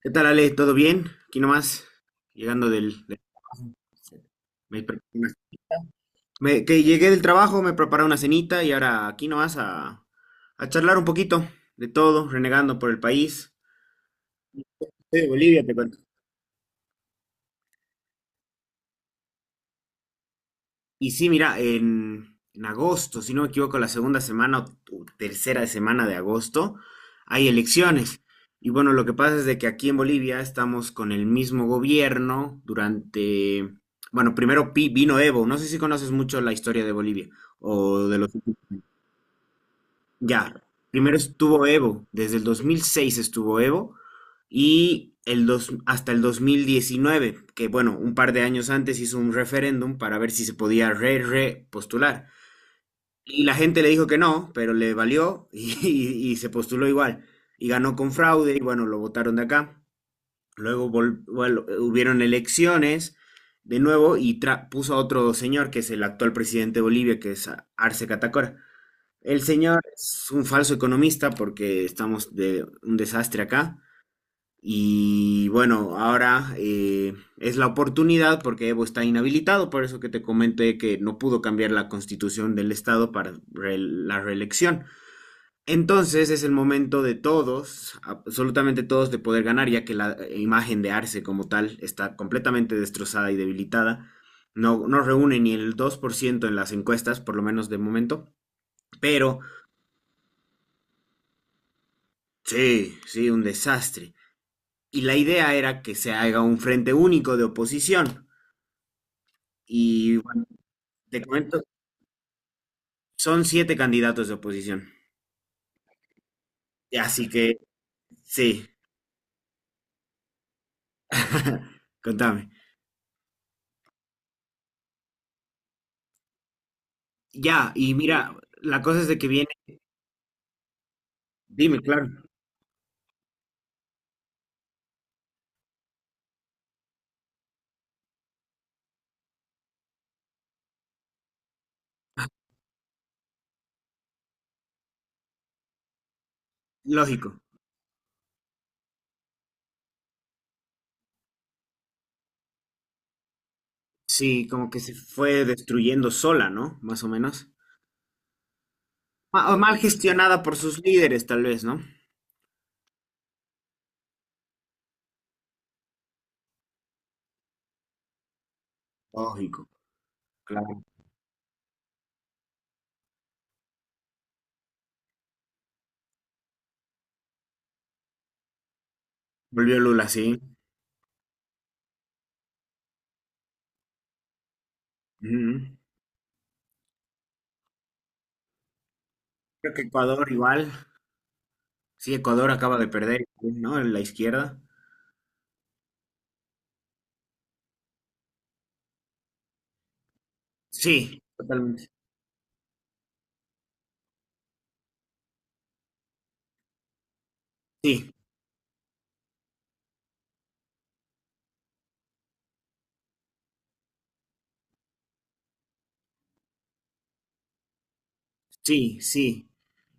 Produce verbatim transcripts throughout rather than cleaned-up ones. ¿Qué tal, Ale? ¿Todo bien? Aquí nomás, llegando del... de- me pre- me- que llegué del trabajo, me preparé una cenita y ahora aquí nomás a, a charlar un poquito de todo, renegando por el país. Sí, de Bolivia, te cuento. Y sí, mira, en, en agosto, si no me equivoco, la segunda semana o o tercera semana de agosto, hay elecciones. Y bueno, lo que pasa es de que aquí en Bolivia estamos con el mismo gobierno durante, bueno, primero pi- vino Evo, no sé si conoces mucho la historia de Bolivia o de los. Ya, primero estuvo Evo, desde el dos mil seis estuvo Evo y el dos, hasta el dos mil diecinueve, que bueno, un par de años antes hizo un referéndum para ver si se podía re, re postular. Y la gente le dijo que no, pero le valió y, y- se postuló igual. Y ganó con fraude y bueno, lo votaron de acá. Luego vol- bueno, hubieron elecciones de nuevo y tra- puso a otro señor que es el actual presidente de Bolivia, que es a- Arce Catacora. El señor es un falso economista porque estamos de un desastre acá. Y bueno, ahora eh, es la oportunidad porque Evo está inhabilitado, por eso que te comenté que no pudo cambiar la constitución del estado para re- la reelección. Entonces es el momento de todos, absolutamente todos, de poder ganar, ya que la imagen de Arce como tal está completamente destrozada y debilitada. No, no reúne ni el dos por ciento en las encuestas, por lo menos de momento. Pero sí, sí, un desastre. Y la idea era que se haga un frente único de oposición. Y bueno, te comento, son siete candidatos de oposición. Así que sí, contame. Ya, y mira, la cosa es de que viene, dime, claro, lógico. Sí, como que se fue destruyendo sola, ¿no? Más o menos. Ma- o mal gestionada por sus líderes, tal vez, ¿no? Lógico, claro. Volvió Lula, sí. Ujú. Creo que Ecuador igual. Sí, Ecuador acaba de perder, ¿no? En la izquierda. Sí, totalmente. Sí. Sí, sí.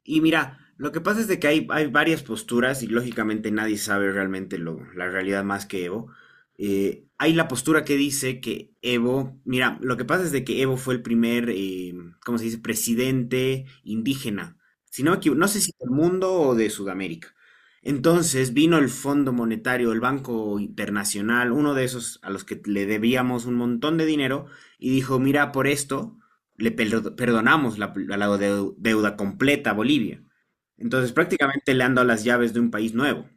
Y mira, lo que pasa es de que hay, hay varias posturas y lógicamente nadie sabe realmente lo, la realidad más que Evo. Eh, hay la postura que dice que Evo, mira, lo que pasa es de que Evo fue el primer, eh, ¿cómo se dice?, presidente indígena. Si no me equivo- no sé si del mundo o de Sudamérica. Entonces vino el Fondo Monetario, el Banco Internacional, uno de esos a los que le debíamos un montón de dinero, y dijo, mira, por esto le per- perdonamos la, la deu- deuda completa a Bolivia. Entonces prácticamente le han dado las llaves de un país nuevo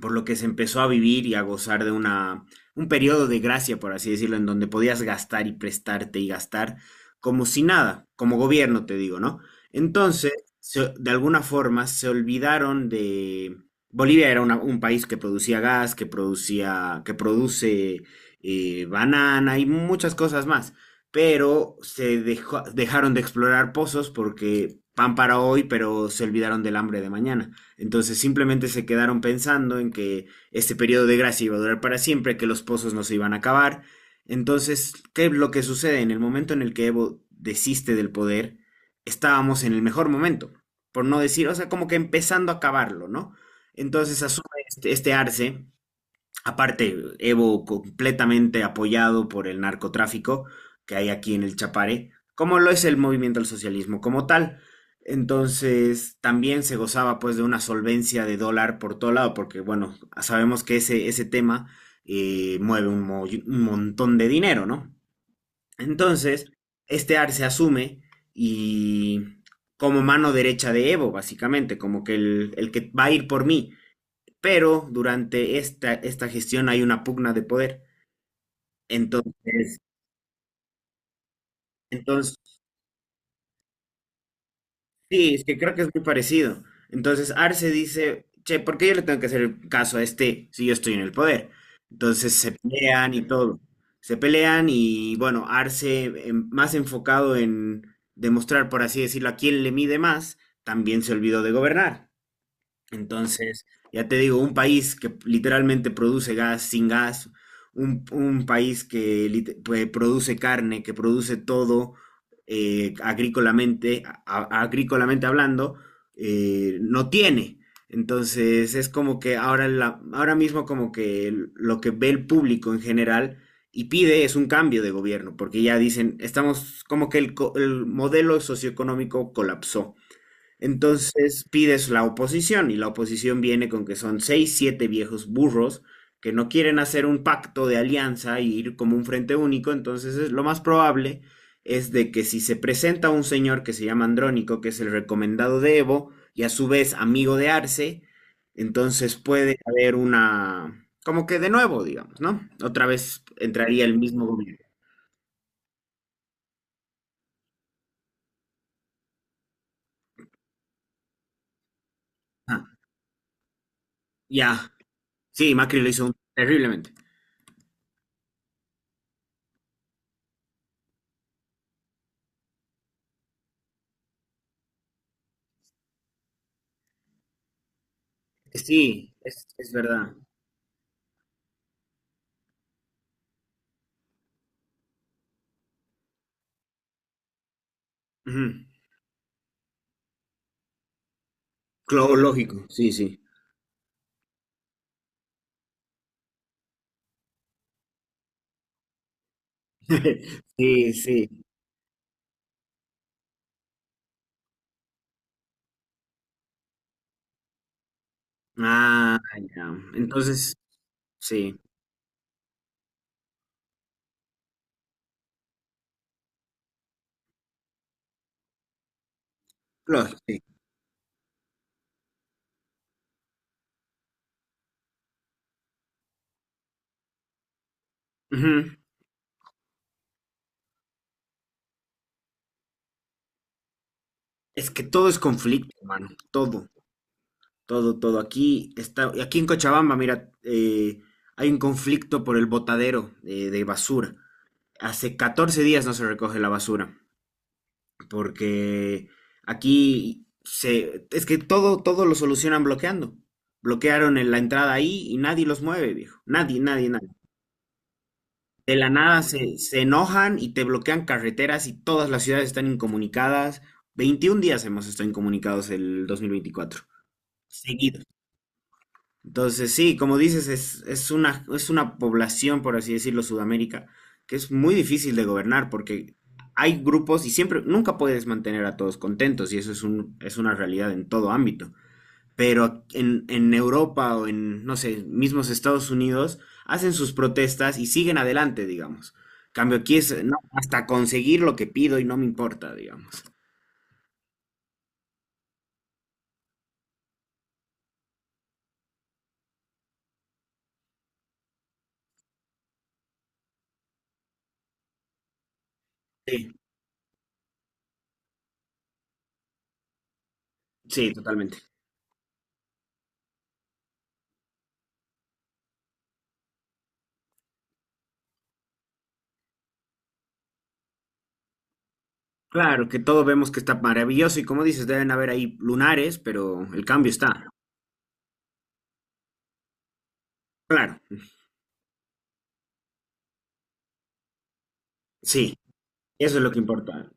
por lo que se empezó a vivir y a gozar de una, un periodo de gracia, por así decirlo, en donde podías gastar y prestarte y gastar como si nada, como gobierno te digo, ¿no? Entonces, se- de alguna forma se olvidaron de. Bolivia era una- un país que producía gas, que producía, que produce eh, banana y muchas cosas más, pero se dejó- dejaron de explorar pozos porque pan para hoy, pero se olvidaron del hambre de mañana. Entonces simplemente se quedaron pensando en que este periodo de gracia iba a durar para siempre, que los pozos no se iban a acabar. Entonces, ¿qué es lo que sucede? En el momento en el que Evo desiste del poder, estábamos en el mejor momento, por no decir, o sea, como que empezando a acabarlo, ¿no? Entonces asume este, este arce. Aparte, Evo completamente apoyado por el narcotráfico que hay aquí en el Chapare, como lo es el movimiento al socialismo como tal. Entonces, también se gozaba pues de una solvencia de dólar por todo lado, porque bueno, sabemos que ese, ese tema eh, mueve un, mo- un montón de dinero, ¿no? Entonces, este AR se asume y como mano derecha de Evo, básicamente, como que el, el que va a ir por mí pero durante esta, esta gestión hay una pugna de poder. Entonces, entonces, sí, es que creo que es muy parecido. Entonces Arce dice, che, ¿por qué yo le tengo que hacer el caso a este si yo estoy en el poder? Entonces se pelean y todo. Se pelean y bueno, Arce em, más enfocado en demostrar, por así decirlo, a quién le mide más, también se olvidó de gobernar. Entonces, ya te digo, un país que literalmente produce gas sin gas, un, un país que lit- pues, produce carne, que produce todo eh, agrícolamente, a- a- agrícolamente hablando, eh, no tiene. Entonces, es como que ahora, la, ahora mismo como que el- lo que ve el público en general y pide es un cambio de gobierno, porque ya dicen, estamos como que el, co- el modelo socioeconómico colapsó. Entonces pides la oposición y la oposición viene con que son seis, siete viejos burros que no quieren hacer un pacto de alianza y ir como un frente único. Entonces es- lo más probable es de que si se presenta un señor que se llama Andrónico, que es el recomendado de Evo y a su vez amigo de Arce, entonces puede haber una, como que de nuevo, digamos, ¿no? Otra vez entraría el mismo gobierno. Ah, ya, sí, Macri lo hizo un- terriblemente. Sí, es, es verdad. Ujú. Claro, lógico, sí, sí. Sí, sí. Ah, ya. Entonces, sí, lógico, sí. Ujú. Es que todo es conflicto, hermano. Todo, todo, todo. Aquí está, aquí en Cochabamba, mira, eh, hay un conflicto por el botadero eh, de basura. Hace catorce días no se recoge la basura, porque aquí se, es que todo, todo lo solucionan bloqueando. Bloquearon en la entrada ahí y nadie los mueve, viejo. Nadie, nadie, nadie. De la nada se, se enojan y te bloquean carreteras y todas las ciudades están incomunicadas. Veintiún días hemos estado incomunicados el dos mil veinticuatro, seguidos. Entonces, sí, como dices, es, es una, es una población, por así decirlo, Sudamérica, que es muy difícil de gobernar porque hay grupos y siempre, nunca puedes mantener a todos contentos y eso es un, es una realidad en todo ámbito pero en, en Europa o en, no sé, mismos Estados Unidos, hacen sus protestas y siguen adelante, digamos. Cambio aquí es, eh, no, hasta conseguir lo que pido y no me importa, digamos. Sí, sí, totalmente. Claro, que todos vemos que está maravilloso y como dices, deben haber ahí lunares, pero el cambio está. Claro, sí, eso es lo que importa,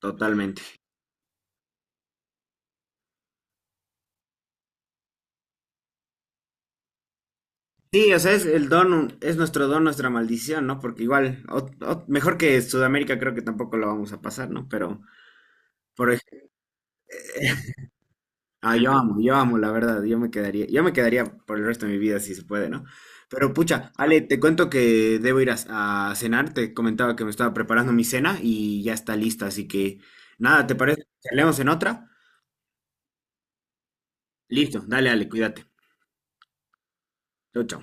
totalmente. Sí, o sea, es el don, es nuestro don, nuestra maldición, ¿no? Porque igual, ot- ot- mejor que Sudamérica creo que tampoco lo vamos a pasar, ¿no? Pero, pero Ah, yo amo, yo amo, la verdad, yo me quedaría, yo me quedaría por el resto de mi vida si se puede, ¿no? Pero pucha, Ale, te cuento que debo ir a, a cenar, te comentaba que me estaba preparando mi cena y ya está lista, así que nada, ¿te parece? ¿Leemos en otra? Listo, dale, Ale, cuídate. Chau, chau.